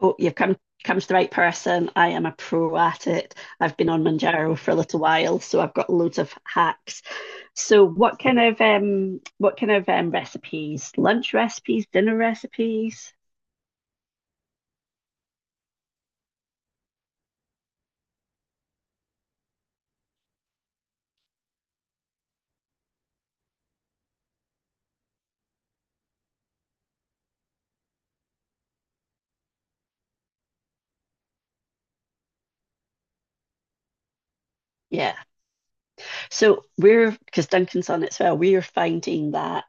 Oh, you've come to the right person. I am a pro at it. I've been on Manjaro for a little while, so I've got loads of hacks. So, what kind of recipes? Lunch recipes, dinner recipes? Yeah. So we're because Duncan's on it as well. We are finding that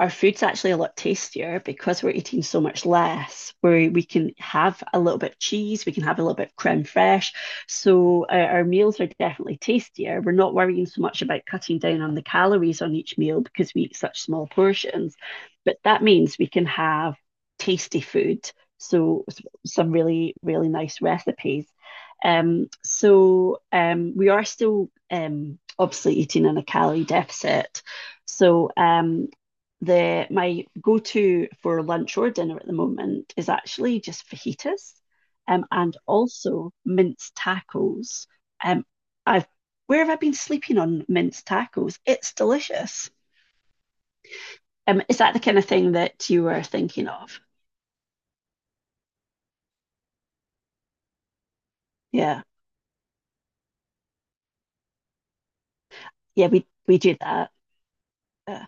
our food's actually a lot tastier because we're eating so much less, where we can have a little bit of cheese, we can have a little bit of creme fraiche. So our meals are definitely tastier. We're not worrying so much about cutting down on the calories on each meal because we eat such small portions. But that means we can have tasty food. So some really, really nice recipes. We are still obviously eating in a calorie deficit. So the my go-to for lunch or dinner at the moment is actually just fajitas, and also minced tacos. Um, I've Where have I been sleeping on minced tacos? It's delicious. Is that the kind of thing that you were thinking of? Yeah, yeah, we do that. Yeah,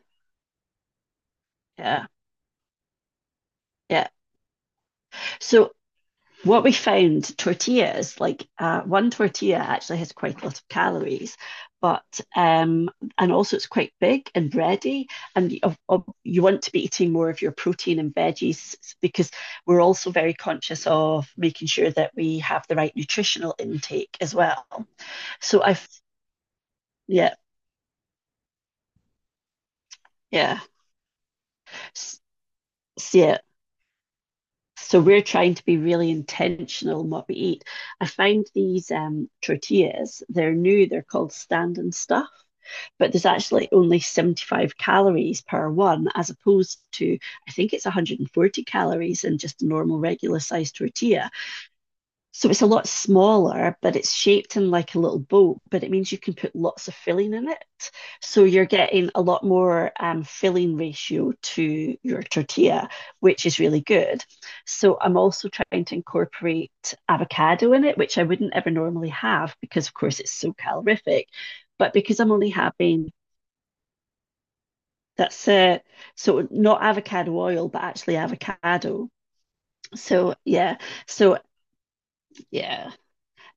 yeah, yeah. So what we found, tortillas, like one tortilla actually has quite a lot of calories, but um, and also it's quite big and bready, and you want to be eating more of your protein and veggies because we're also very conscious of making sure that we have the right nutritional intake as well. So I, yeah, yeah, S- Yeah. So we're trying to be really intentional in what we eat. I found these tortillas, they're new, they're called stand and stuff, but there's actually only 75 calories per one, as opposed to, I think it's 140 calories in just a normal regular sized tortilla. So it's a lot smaller, but it's shaped in like a little boat, but it means you can put lots of filling in it. So you're getting a lot more filling ratio to your tortilla, which is really good. So I'm also trying to incorporate avocado in it, which I wouldn't ever normally have because, of course, it's so calorific. But because I'm only having, that's it. So not avocado oil, but actually avocado. So yeah, so yeah,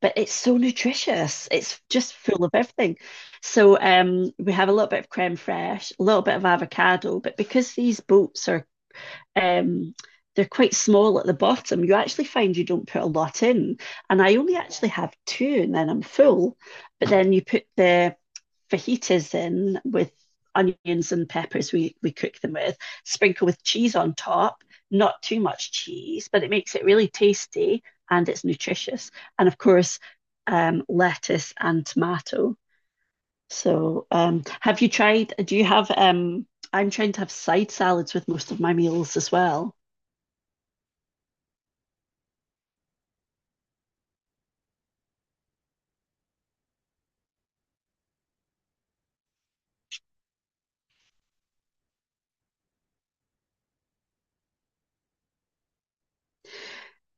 but it's so nutritious. It's just full of everything. So we have a little bit of creme fraiche, a little bit of avocado, but because these boats are um, they're quite small at the bottom, you actually find you don't put a lot in. And I only actually have two, and then I'm full. But then you put the fajitas in with onions and peppers we cook them with, sprinkle with cheese on top, not too much cheese, but it makes it really tasty and it's nutritious. And of course, lettuce and tomato. So, have you tried? Do you have? I'm trying to have side salads with most of my meals as well.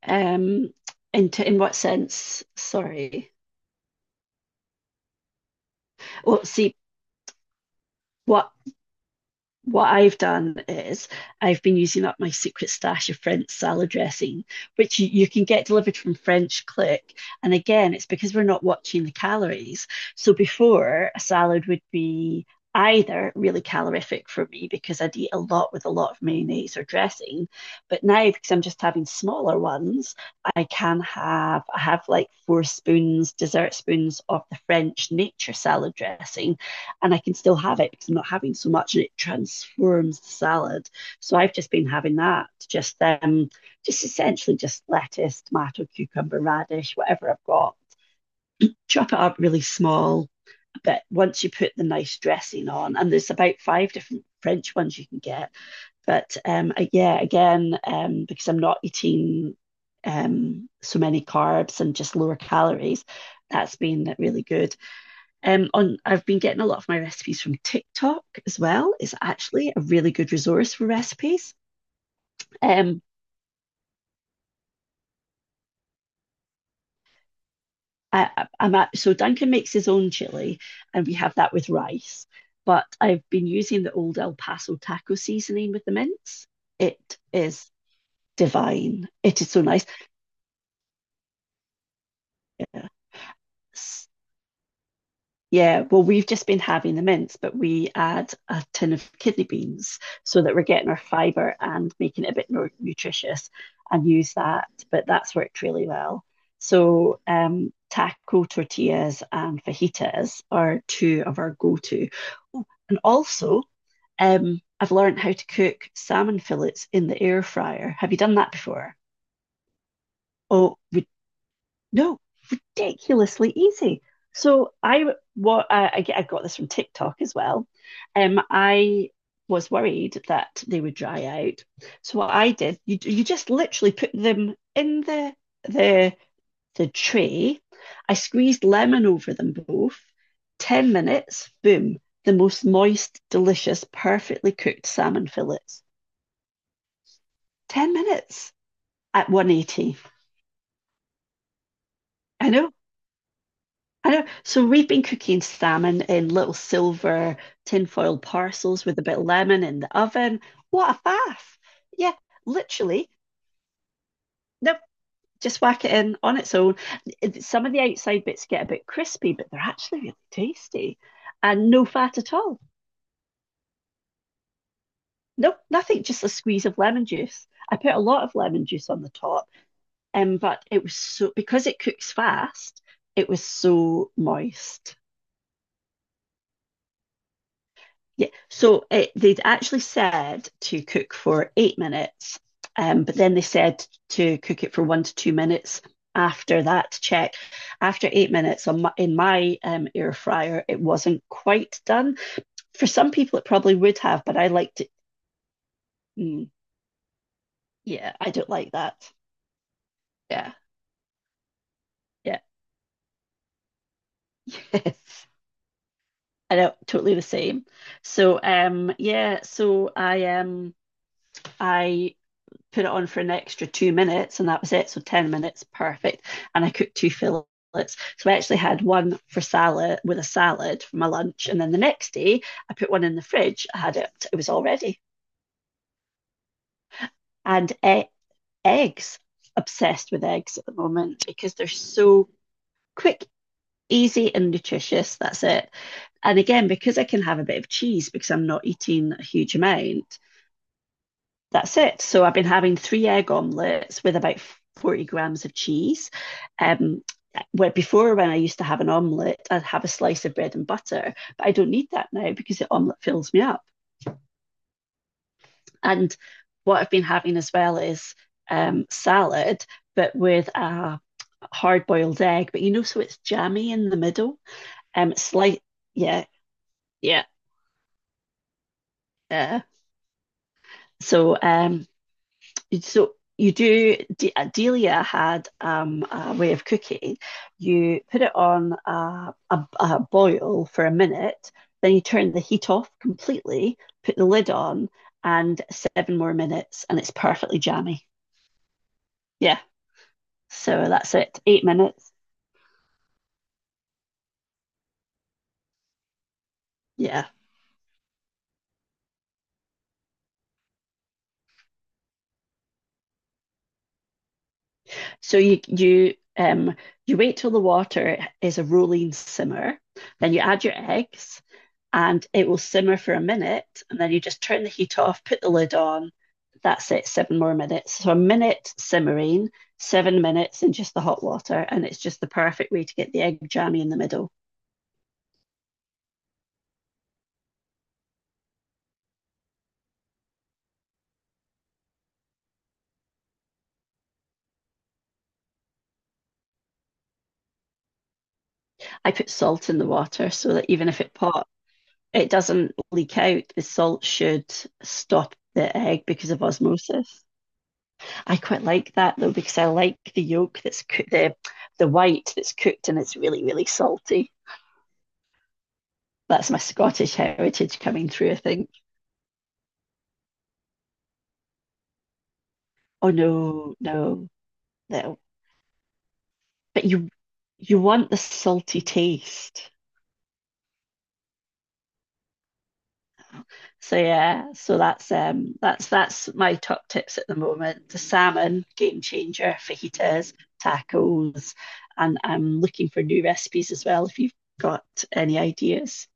Um, in what sense? Sorry. Well, see, what what I've done is I've been using up my secret stash of French salad dressing, which you can get delivered from French Click. And again, it's because we're not watching the calories. So before, a salad would be either really calorific for me because I'd eat a lot with a lot of mayonnaise or dressing. But now, because I'm just having smaller ones, I have like four spoons, dessert spoons of the French nature salad dressing and I can still have it because I'm not having so much and it transforms the salad. So I've just been having that, just essentially just lettuce, tomato, cucumber, radish, whatever I've got. Chop it up really small, but once you put the nice dressing on, and there's about five different French ones you can get. But yeah, again, because I'm not eating so many carbs and just lower calories, that's been really good. On I've been getting a lot of my recipes from TikTok as well. It's actually a really good resource for recipes. Um, so Duncan makes his own chili, and we have that with rice. But I've been using the old El Paso taco seasoning with the mince. It is divine. It is so nice. Yeah, well, we've just been having the mince, but we add a tin of kidney beans so that we're getting our fiber and making it a bit more nutritious and use that. But that's worked really well. So, taco tortillas and fajitas are two of our go-to. Oh, and also, I've learned how to cook salmon fillets in the air fryer. Have you done that before? Oh, we, no, ridiculously easy. So I I got this from TikTok as well. I was worried that they would dry out. So what I did, you just literally put them in the the the tray. I squeezed lemon over them both. 10 minutes, boom, the most moist, delicious, perfectly cooked salmon fillets. 10 minutes at 180. I know, I know. So we've been cooking salmon in little silver tinfoil parcels with a bit of lemon in the oven. What a faff! Yeah, literally. Nope, just whack it in on its own. Some of the outside bits get a bit crispy, but they're actually really tasty and no fat at all. Nope, nothing, just a squeeze of lemon juice. I put a lot of lemon juice on the top, but it was so because it cooks fast, it was so moist. Yeah, so it, they'd actually said to cook for 8 minutes, but then they said to cook it for 1 to 2 minutes after that check. After 8 minutes on in my air fryer, it wasn't quite done. For some people, it probably would have, but I liked it. Mm, yeah, I don't like that. Yeah, yeah, yes. I know, totally the same. So, yeah, so I put it on for an extra 2 minutes, and that was it. So 10 minutes, perfect. And I cooked two fillets. So I actually had one for salad with a salad for my lunch. And then the next day, I put one in the fridge. I had it, it was all ready. And e- Eggs, obsessed with eggs at the moment because they're so quick, easy, and nutritious. That's it. And again, because I can have a bit of cheese because I'm not eating a huge amount, that's it. So I've been having three egg omelets with about 40 grams of cheese. Um, where before when I used to have an omelette, I'd have a slice of bread and butter, but I don't need that now because the omelette fills me up. And what I've been having as well is salad, but with a hard boiled egg. But you know, so it's jammy in the middle. Um, slight, yeah, yeah. Uh, so um, So you do, De Delia had a way of cooking. You put it on a boil for a minute, then you turn the heat off completely, put the lid on, and seven more minutes, and it's perfectly jammy. Yeah, so that's it. 8 minutes. Yeah. So you wait till the water is a rolling simmer, then you add your eggs and it will simmer for a minute and then you just turn the heat off, put the lid on. That's it, seven more minutes. So a minute simmering, 7 minutes in just the hot water, and it's just the perfect way to get the egg jammy in the middle. I put salt in the water so that even if it pops, it doesn't leak out. The salt should stop the egg because of osmosis. I quite like that though because I like the yolk that's cooked, the white that's cooked and it's really really salty. That's my Scottish heritage coming through, I think. Oh no, no, no. But you want the salty taste. So yeah, so that's that's my top tips at the moment. The salmon, game changer, fajitas, tacos, and I'm looking for new recipes as well if you've got any ideas.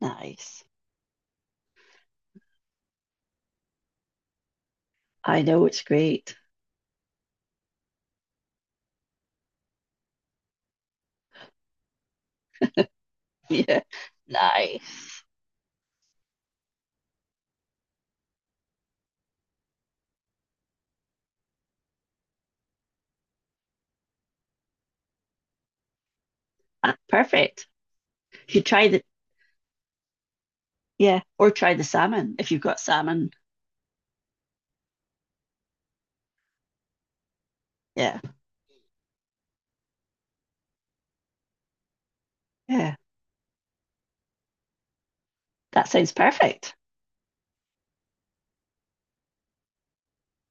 Nice. I know it's great. Yeah. Nice. Ah, perfect. You try the, yeah, or try the salmon if you've got salmon. Yeah. Yeah. That sounds perfect.